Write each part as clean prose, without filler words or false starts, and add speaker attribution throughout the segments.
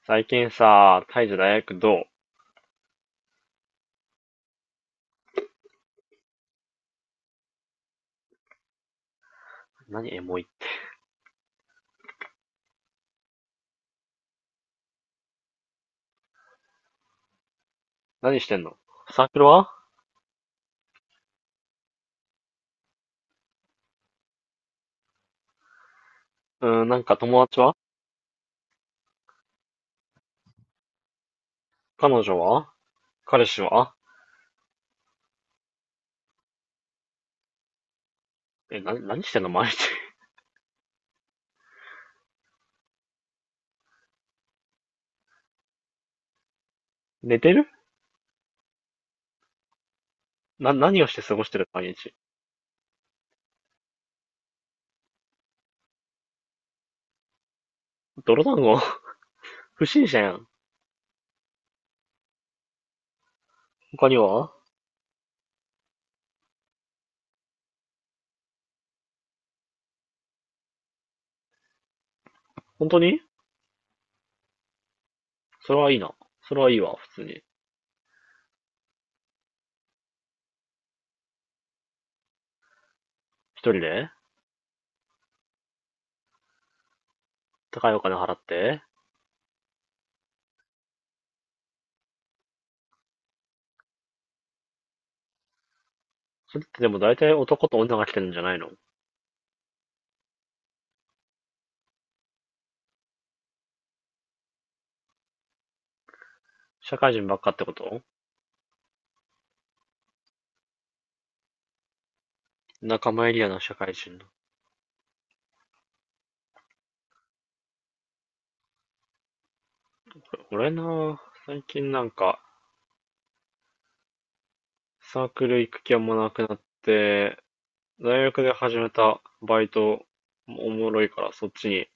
Speaker 1: 最近さ、タイじゃ大学どう？何エモい？何してんの？サークルは？友達は？彼女は？彼氏は？え、な、何してんの毎日。寝てる？な、何をして過ごしてる毎日。泥団子？ 不審者やん。他には？本当に？それはいいな。それはいいわ、普通に。一人で？高いお金払って？それってでも大体男と女が来てるんじゃないの？社会人ばっかってこと？仲間エリアの社会人。俺な、最近サークル行く気はもうなくなって、大学で始めたバイトもおもろいからそっちに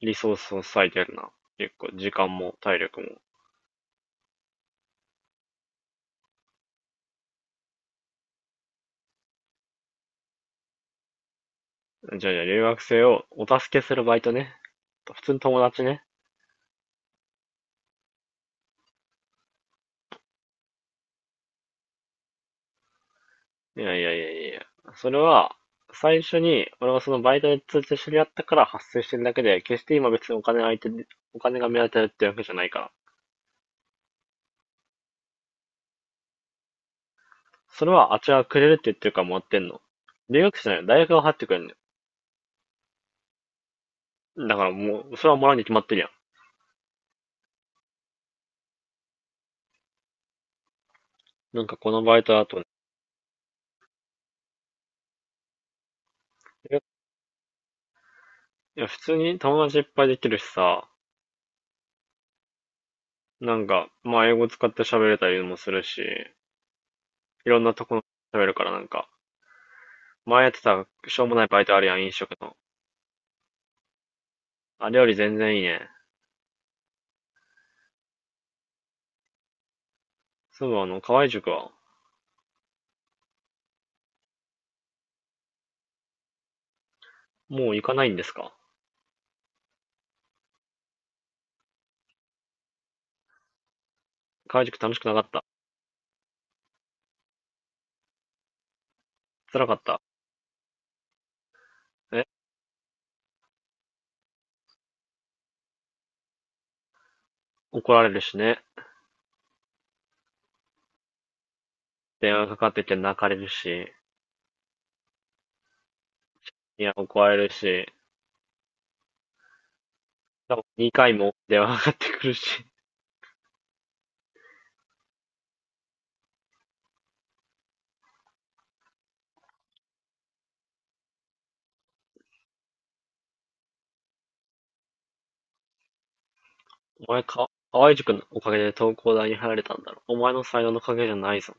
Speaker 1: リソースを割いてるな。結構時間も体力も。じゃあじゃあ留学生をお助けするバイトね。普通に友達ね。いやいやいやいや。それは最初に俺はそのバイトで通知知り合ったから発生してるだけで、決して今別にお金相手にお金が目当てるってわけじゃないから。それはあっちがくれるって言ってるからもらってんの。留学生じゃないよ。大学が払ってくれるんだよ。だからもう、それはもらうに決まってるやん。なんかこのバイトだとね、えいや、普通に友達いっぱいできるしさ、まあ英語使って喋れたりもするし、いろんなとこ喋るから前やってたしょうもないバイトあるやん、飲食の。あれより全然いいね。そういえば河合塾は、もう行かないんですか？河合塾楽しくなかった？辛かった？え？怒られるしね。電話かかってきて泣かれるし、いや、怒られるし、多分2回も 電話かかってくるし、お前か、河合塾のおかげで東工大に入られたんだろ。お前の才能のおかげじゃないぞ。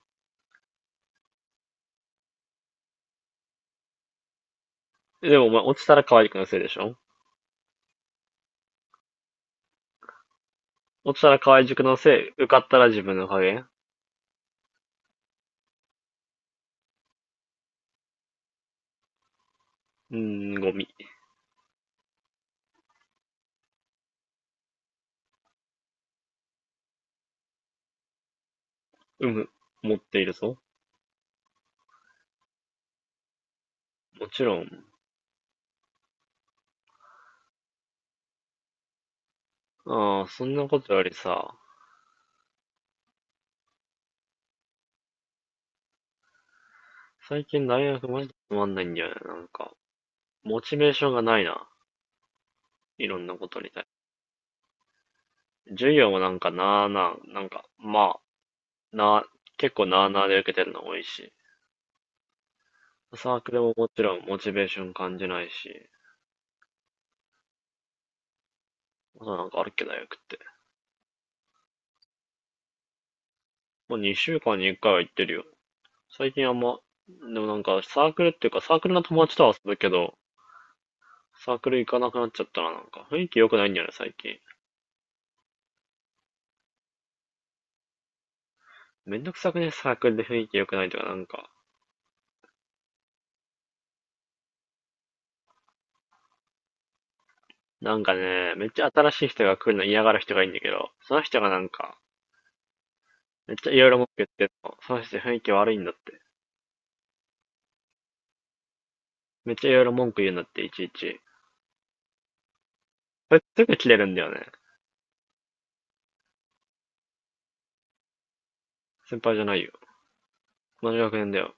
Speaker 1: でもお前、落ちたら河合くんのせいでしょ？落ちたら河合塾のせい、受かったら自分の影？うーん、ゴミ。うむ、持っているぞ。もちろん。ああ、そんなことよりさ、最近大学マジでつまんないんだよね、なんか。モチベーションがないな、いろんなことに対して。授業もなあなあ、あ、なあ、結構なあなあで受けてるの多いし。サークルももちろんモチベーション感じないし。あとなんかあるっけ、大学って。もう2週間に1回は行ってるよ。最近あんま、でもなんかサークルっていうかサークルの友達とは遊ぶけど、サークル行かなくなっちゃったな、なんか。雰囲気良くないんだよね、最近。めんどくさくね、サークルで雰囲気良くないとか、なんか。なんかね、めっちゃ新しい人が来るの嫌がる人がいいんだけど、その人がなんか、めっちゃいろいろ文句言ってんの。その人雰囲気悪いんだって。めっちゃいろいろ文句言うんだって、いちいち。それすぐ切れるんだよね。先輩じゃないよ。同じ学年だよ。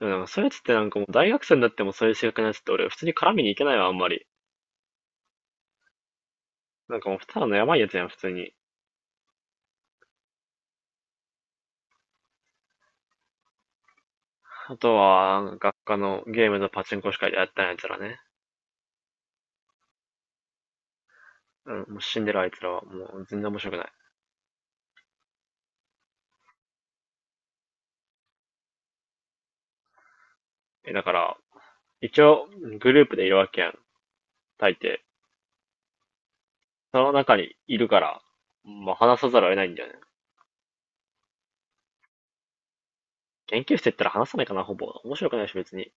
Speaker 1: でもなんかそういうやつってなんかもう大学生になってもそういう性格のやつって俺普通に絡みに行けないわ、あんまり。なんかもうただのやばいやつやん、普通に。あとは、学科のゲームのパチンコしかやったんやつらね。うん、もう死んでるあいつらは、もう全然面白くない。え、だから、一応、グループでいるわけやん、大抵。その中にいるから、まあ話さざるを得ないんだよね。研究室行ったら話さないかな、ほぼ。面白くないし、別に。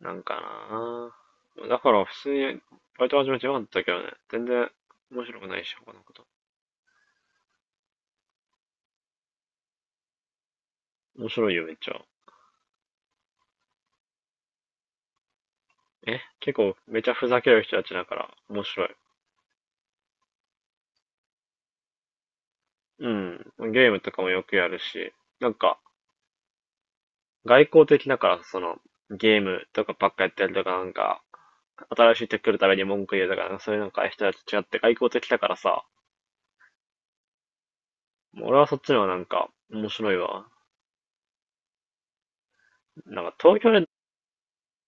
Speaker 1: なんかなぁ。だから、普通に、バイト始めてよかったけどね。全然、面白くないし、他のこと。面白いよ、めっちゃ。え結構、めちゃふざける人たちだから、面白い。うん。ゲームとかもよくやるし、なんか、外交的だから、その、ゲームとかばっかやってるとかなんか、新しい人来るために文句言うとか、なんかそういうなんか人たちと違って外交的だからさ、俺はそっちの方がなんか面白いわ。なんか東京で、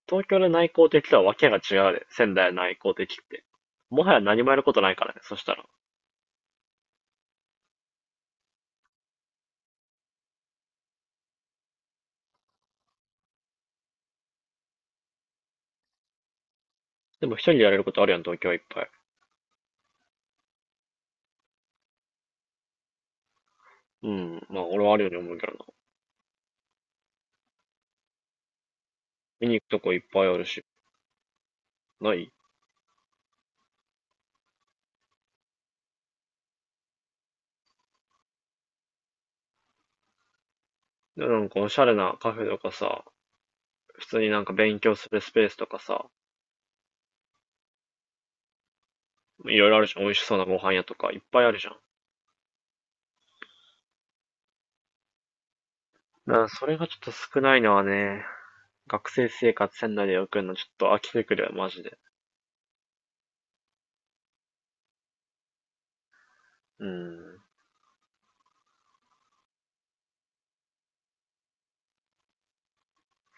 Speaker 1: 東京で内向的とはわけが違うで、仙台の内向的って。もはや何もやることないからね、そしたら。でも一人でやれることあるやん、東京はいっぱい。うん、まあ俺はあるように思うけどな。見に行くとこいっぱいあるし、ない？なんかおしゃれなカフェとかさ、普通になんか勉強するスペースとかさ、いろいろあるじゃん。美味しそうなご飯屋とか、いっぱいあるじゃん。だからそれがちょっと少ないのはね、学生生活仙台で送るのちょっと飽きてくるよ、マジで。うん。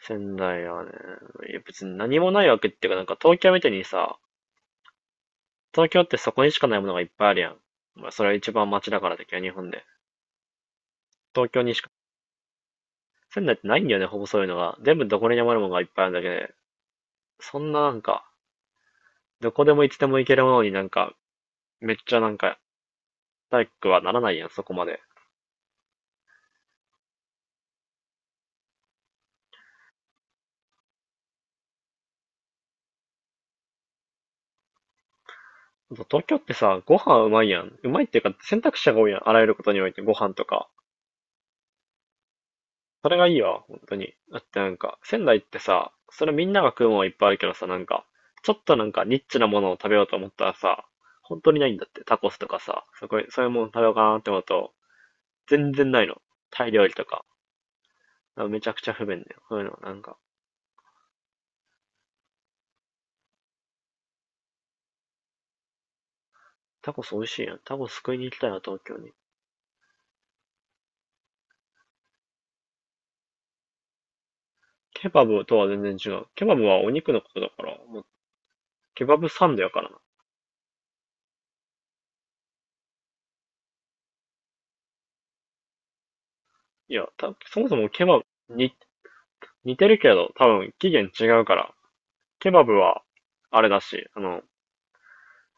Speaker 1: 仙台はね、いや別に何もないわけっていうか、なんか東京みたいにさ、東京ってそこにしかないものがいっぱいあるやん。まあそれは一番街だからだけど、日本で。東京にしか、仙台ってないんだよね、ほぼそういうのが。全部どこにでもあるものがいっぱいあるんだけど、ねそんなどこでもいつでも行けるものになんか、めっちゃなんか、体育はならないやん、そこまで。そう東京ってさ、ご飯うまいやん。うまいっていうか、選択肢が多いやん。あらゆることにおいて、ご飯とか。それがいいわ、本当に。だってなんか、仙台ってさ、それみんなが食うものはいっぱいあるけどさ、なんか、ちょっとなんかニッチなものを食べようと思ったらさ、本当にないんだって。タコスとかさ、そこ、そういうもの食べようかなって思うと、全然ないの。タイ料理とか。だからめちゃくちゃ不便だよ。そういうの、なんか。タコス美味しいやん。タコス食いに行きたいな、東京に。ケバブとは全然違う。ケバブはお肉のことだから、もう、ケバブサンドやからな。いや、た、そもそもケバブ、に、似てるけど、多分起源違うから。ケバブは、あれだし、あの、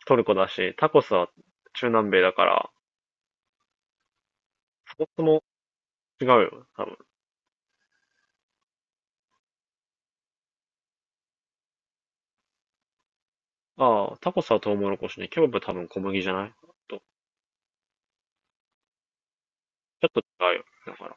Speaker 1: トルコだし、タコスは中南米だから、そもそも違うよ、多分。ああ、タコスはトウモロコシね。ケバブは多分小麦じゃないと、ちょっと違うよ。だから。